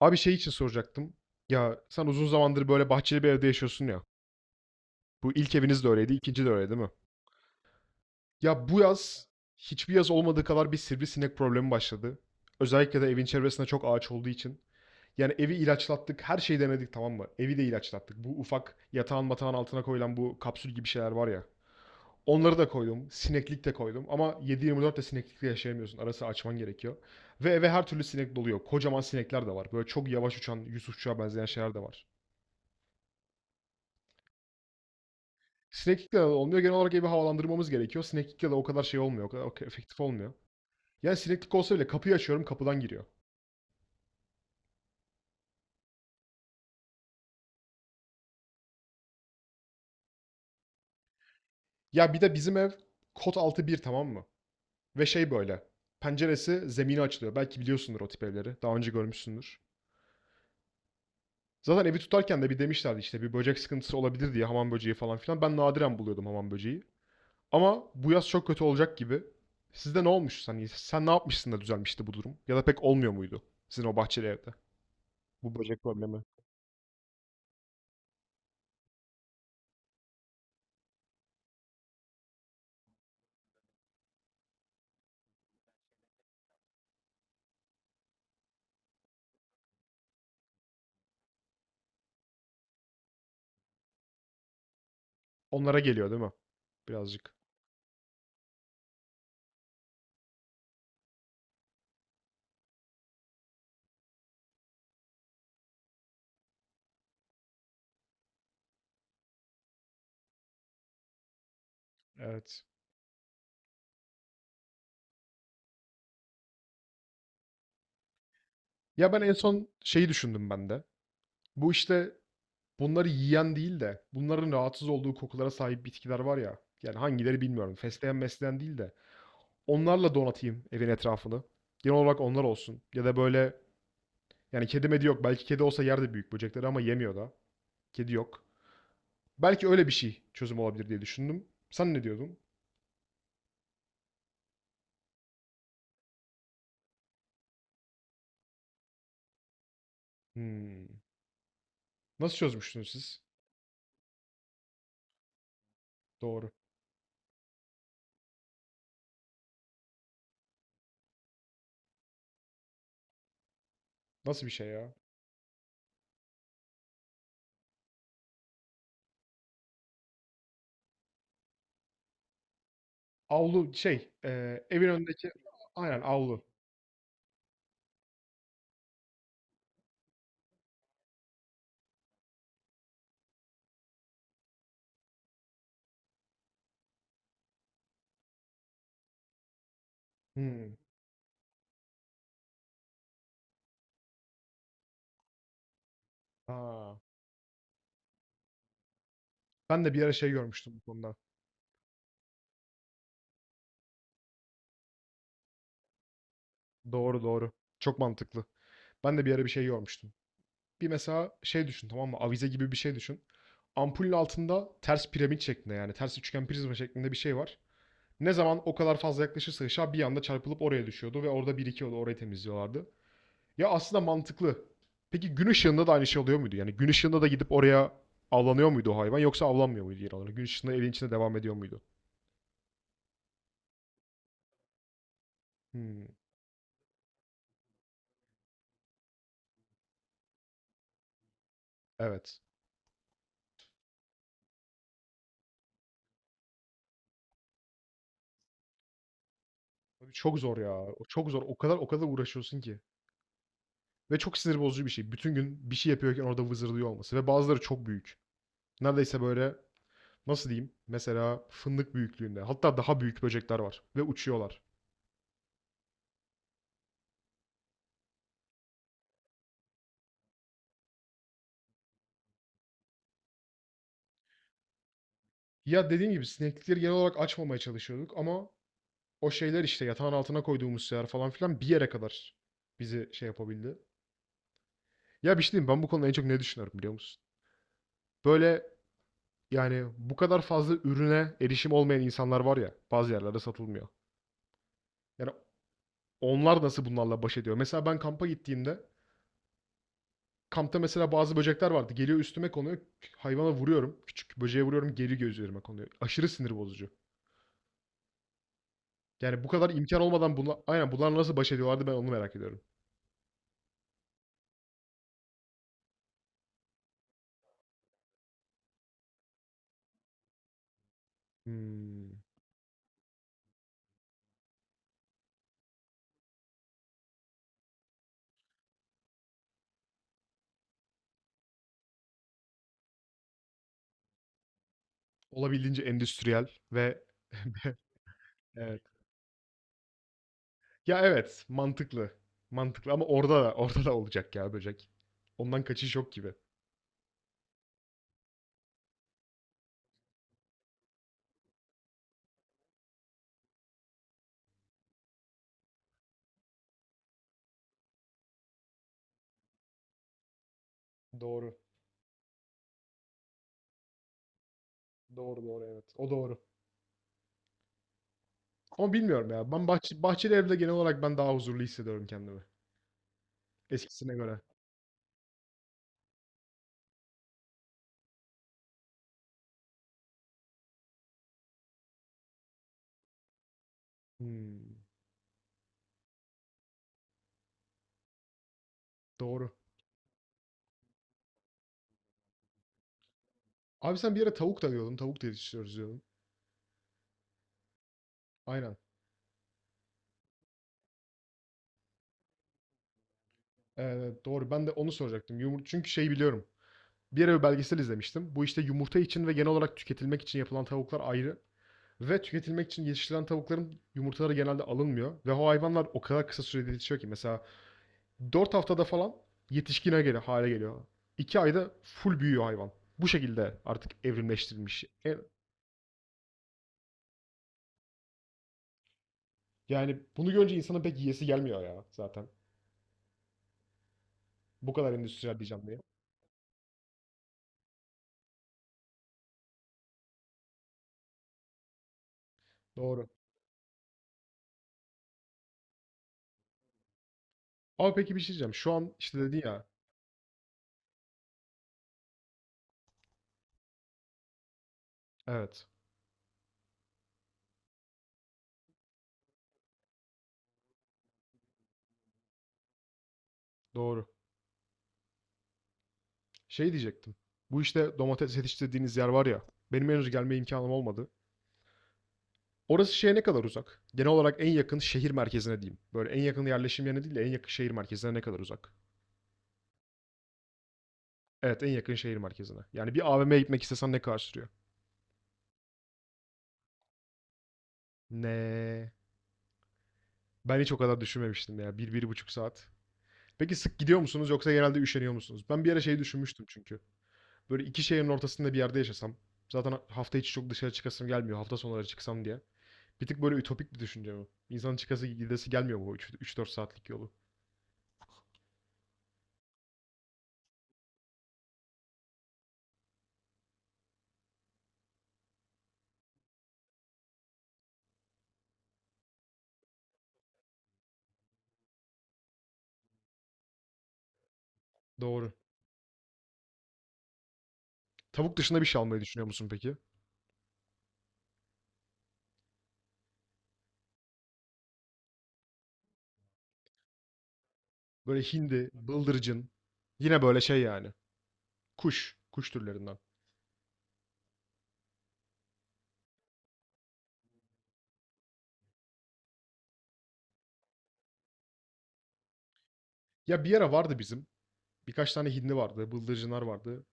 Abi şey için soracaktım. Ya sen uzun zamandır böyle bahçeli bir evde yaşıyorsun ya. Bu ilk eviniz de öyleydi, ikinci de öyle değil mi? Ya bu yaz hiçbir yaz olmadığı kadar bir sivrisinek problemi başladı. Özellikle de evin çevresinde çok ağaç olduğu için. Yani evi ilaçlattık, her şeyi denedik tamam mı? Evi de ilaçlattık. Bu ufak yatağın matağın altına koyulan bu kapsül gibi şeyler var ya. Onları da koydum, sineklik de koydum. Ama 7-24 de sineklikle yaşayamıyorsun. Arası açman gerekiyor. Ve eve her türlü sinek doluyor. Kocaman sinekler de var. Böyle çok yavaş uçan, Yusufçuğa benzeyen şeyler de var. Sineklikle de olmuyor. Genel olarak evi havalandırmamız gerekiyor. Sineklikle de o kadar şey olmuyor. O kadar efektif olmuyor. Yani sineklik olsa bile kapıyı açıyorum kapıdan giriyor. Ya bir de bizim ev kod altı bir tamam mı? Ve şey böyle. Penceresi zemine açılıyor. Belki biliyorsundur o tip evleri. Daha önce görmüşsündür. Zaten evi tutarken de bir demişlerdi işte bir böcek sıkıntısı olabilir diye hamam böceği falan filan. Ben nadiren buluyordum hamam böceği. Ama bu yaz çok kötü olacak gibi. Sizde ne olmuş? Hani sen ne yapmışsın da düzelmişti bu durum? Ya da pek olmuyor muydu sizin o bahçeli evde? Bu böcek problemi. Onlara geliyor değil mi? Birazcık. Evet. Ya ben en son şeyi düşündüm ben de. Bu işte bunları yiyen değil de bunların rahatsız olduğu kokulara sahip bitkiler var ya. Yani hangileri bilmiyorum. Fesleğen mesleğen değil de. Onlarla donatayım evin etrafını. Genel olarak onlar olsun. Ya da böyle yani kedi medi yok. Belki kedi olsa yerde büyük böcekleri ama yemiyor da. Kedi yok. Belki öyle bir şey çözüm olabilir diye düşündüm. Sen ne diyordun? Hmm. Nasıl çözmüştünüz siz? Doğru. Nasıl bir şey ya? Avlu şey, evin önündeki. Aynen avlu. Hımm. A! Ben de bir ara şey görmüştüm bu konuda. Doğru, doğru. Çok mantıklı. Ben de bir ara bir şey görmüştüm. Bir mesela şey düşün, tamam mı? Avize gibi bir şey düşün. Ampulün altında ters piramit şeklinde yani ters üçgen prizma şeklinde bir şey var. Ne zaman o kadar fazla yaklaşırsa ışığa bir anda çarpılıp oraya düşüyordu ve orada birikiyordu, orayı temizliyorlardı. Ya aslında mantıklı. Peki gün ışığında da aynı şey oluyor muydu? Yani gün ışığında da gidip oraya avlanıyor muydu o hayvan yoksa avlanmıyor muydu yer alanı? Gün ışığında evin içinde devam ediyor muydu? Hmm, evet. Abi çok zor ya. O çok zor. O kadar o kadar uğraşıyorsun ki. Ve çok sinir bozucu bir şey. Bütün gün bir şey yapıyorken orada vızırdıyor olması. Ve bazıları çok büyük. Neredeyse böyle nasıl diyeyim? Mesela fındık büyüklüğünde. Hatta daha büyük böcekler var. Ve uçuyorlar. Ya dediğim gibi sineklikleri genel olarak açmamaya çalışıyorduk ama o şeyler işte yatağın altına koyduğumuz şeyler falan filan bir yere kadar bizi şey yapabildi. Ya bir şey diyeyim ben bu konuda en çok ne düşünüyorum biliyor musun? Böyle yani bu kadar fazla ürüne erişim olmayan insanlar var ya bazı yerlerde satılmıyor. Yani onlar nasıl bunlarla baş ediyor? Mesela ben kampa gittiğimde kampta mesela bazı böcekler vardı. Geliyor üstüme konuyor. Hayvana vuruyorum. Küçük böceğe vuruyorum. Geri göz üzerime konuyor. Aşırı sinir bozucu. Yani bu kadar imkan olmadan aynen bunlar nasıl baş ediyorlardı ben onu merak ediyorum. Hmm. Olabildiğince endüstriyel ve evet. Ya evet, mantıklı. Mantıklı ama orada da olacak ya böcek. Ondan kaçış yok gibi. Doğru. Doğru doğru evet. O doğru. Ama bilmiyorum ya. Ben bahçeli evde genel olarak ben daha huzurlu hissediyorum kendimi. Eskisine göre. Hmm, doğru. Abi sen bir yere tavuk da diyordun. Tavuk da yetiştiriyoruz diyordun. Aynen. Doğru. Ben de onu soracaktım. Yumur çünkü şey biliyorum. Bir yere bir belgesel izlemiştim. Bu işte yumurta için ve genel olarak tüketilmek için yapılan tavuklar ayrı. Ve tüketilmek için yetiştirilen tavukların yumurtaları genelde alınmıyor. Ve o hayvanlar o kadar kısa sürede yetişiyor ki. Mesela 4 haftada falan yetişkine geliyor, hale geliyor. 2 ayda full büyüyor hayvan. Bu şekilde artık evrimleştirilmiş. Yani bunu görünce insanın pek yiyesi gelmiyor ya zaten. Bu kadar endüstriyel bir canlıya. Doğru. Ama peki bir şey diyeceğim. Şu an işte dedin ya. Evet. Doğru. Şey diyecektim. Bu işte domates yetiştirdiğiniz yer var ya. Benim henüz gelme imkanım olmadı. Orası şeye ne kadar uzak? Genel olarak en yakın şehir merkezine diyeyim. Böyle en yakın yerleşim yerine değil de en yakın şehir merkezine ne kadar uzak? Evet en yakın şehir merkezine. Yani bir A AVM'ye gitmek istesen ne kadar sürüyor? Ne? Ben hiç o kadar düşünmemiştim ya. Bir, 1,5 saat. Peki sık gidiyor musunuz yoksa genelde üşeniyor musunuz? Ben bir ara şey düşünmüştüm çünkü. Böyle iki şehrin ortasında bir yerde yaşasam. Zaten hafta içi çok dışarı çıkasım gelmiyor. Hafta sonları çıksam diye. Bir tık böyle ütopik bir düşünce bu. İnsanın çıkası gidesi gelmiyor bu 3-4 saatlik yolu? Doğru. Tavuk dışında bir şey almayı düşünüyor musun peki? Böyle hindi, bıldırcın. Yine böyle şey yani. Kuş. Kuş türlerinden. Ya bir ara vardı bizim. Birkaç tane hindi vardı. Bıldırcınlar vardı.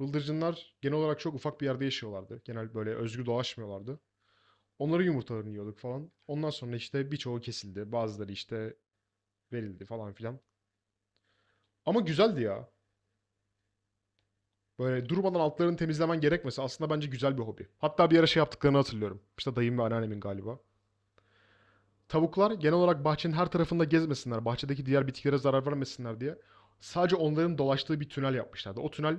Bıldırcınlar genel olarak çok ufak bir yerde yaşıyorlardı. Genel böyle özgür dolaşmıyorlardı. Onların yumurtalarını yiyorduk falan. Ondan sonra işte birçoğu kesildi. Bazıları işte verildi falan filan. Ama güzeldi ya. Böyle durmadan altlarını temizlemen gerekmesi aslında bence güzel bir hobi. Hatta bir ara şey yaptıklarını hatırlıyorum. İşte dayım ve anneannemin galiba. Tavuklar genel olarak bahçenin her tarafında gezmesinler, bahçedeki diğer bitkilere zarar vermesinler diye sadece onların dolaştığı bir tünel yapmışlardı. O tünel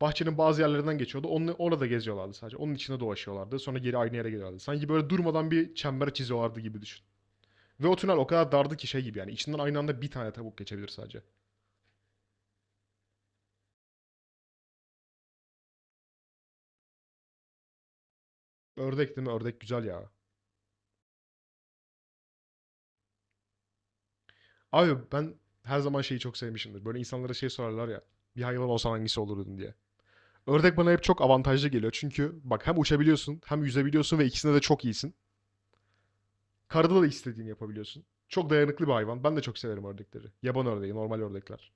bahçenin bazı yerlerinden geçiyordu. Onu, orada geziyorlardı sadece. Onun içinde dolaşıyorlardı. Sonra geri aynı yere geliyorlardı. Sanki böyle durmadan bir çember çiziyorlardı gibi düşün. Ve o tünel o kadar dardı ki şey gibi yani. İçinden aynı anda bir tane tavuk geçebilir sadece. Ördek değil mi? Ördek güzel ya. Abi ben her zaman şeyi çok sevmişimdir. Böyle insanlara şey sorarlar ya. Bir hayvan olsan hangisi olurdun diye. Ördek bana hep çok avantajlı geliyor. Çünkü bak hem uçabiliyorsun hem yüzebiliyorsun ve ikisinde de çok iyisin. Karada da istediğini yapabiliyorsun. Çok dayanıklı bir hayvan. Ben de çok severim ördekleri. Yaban ördeği, normal ördekler.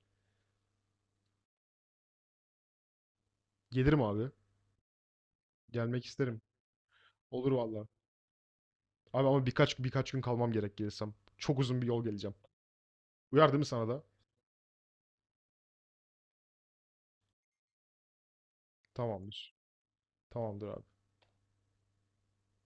Gelirim abi. Gelmek isterim. Olur valla. Abi ama birkaç gün kalmam gerek gelirsem. Çok uzun bir yol geleceğim. Uyar değil mi sana da? Tamamdır. Tamamdır abi.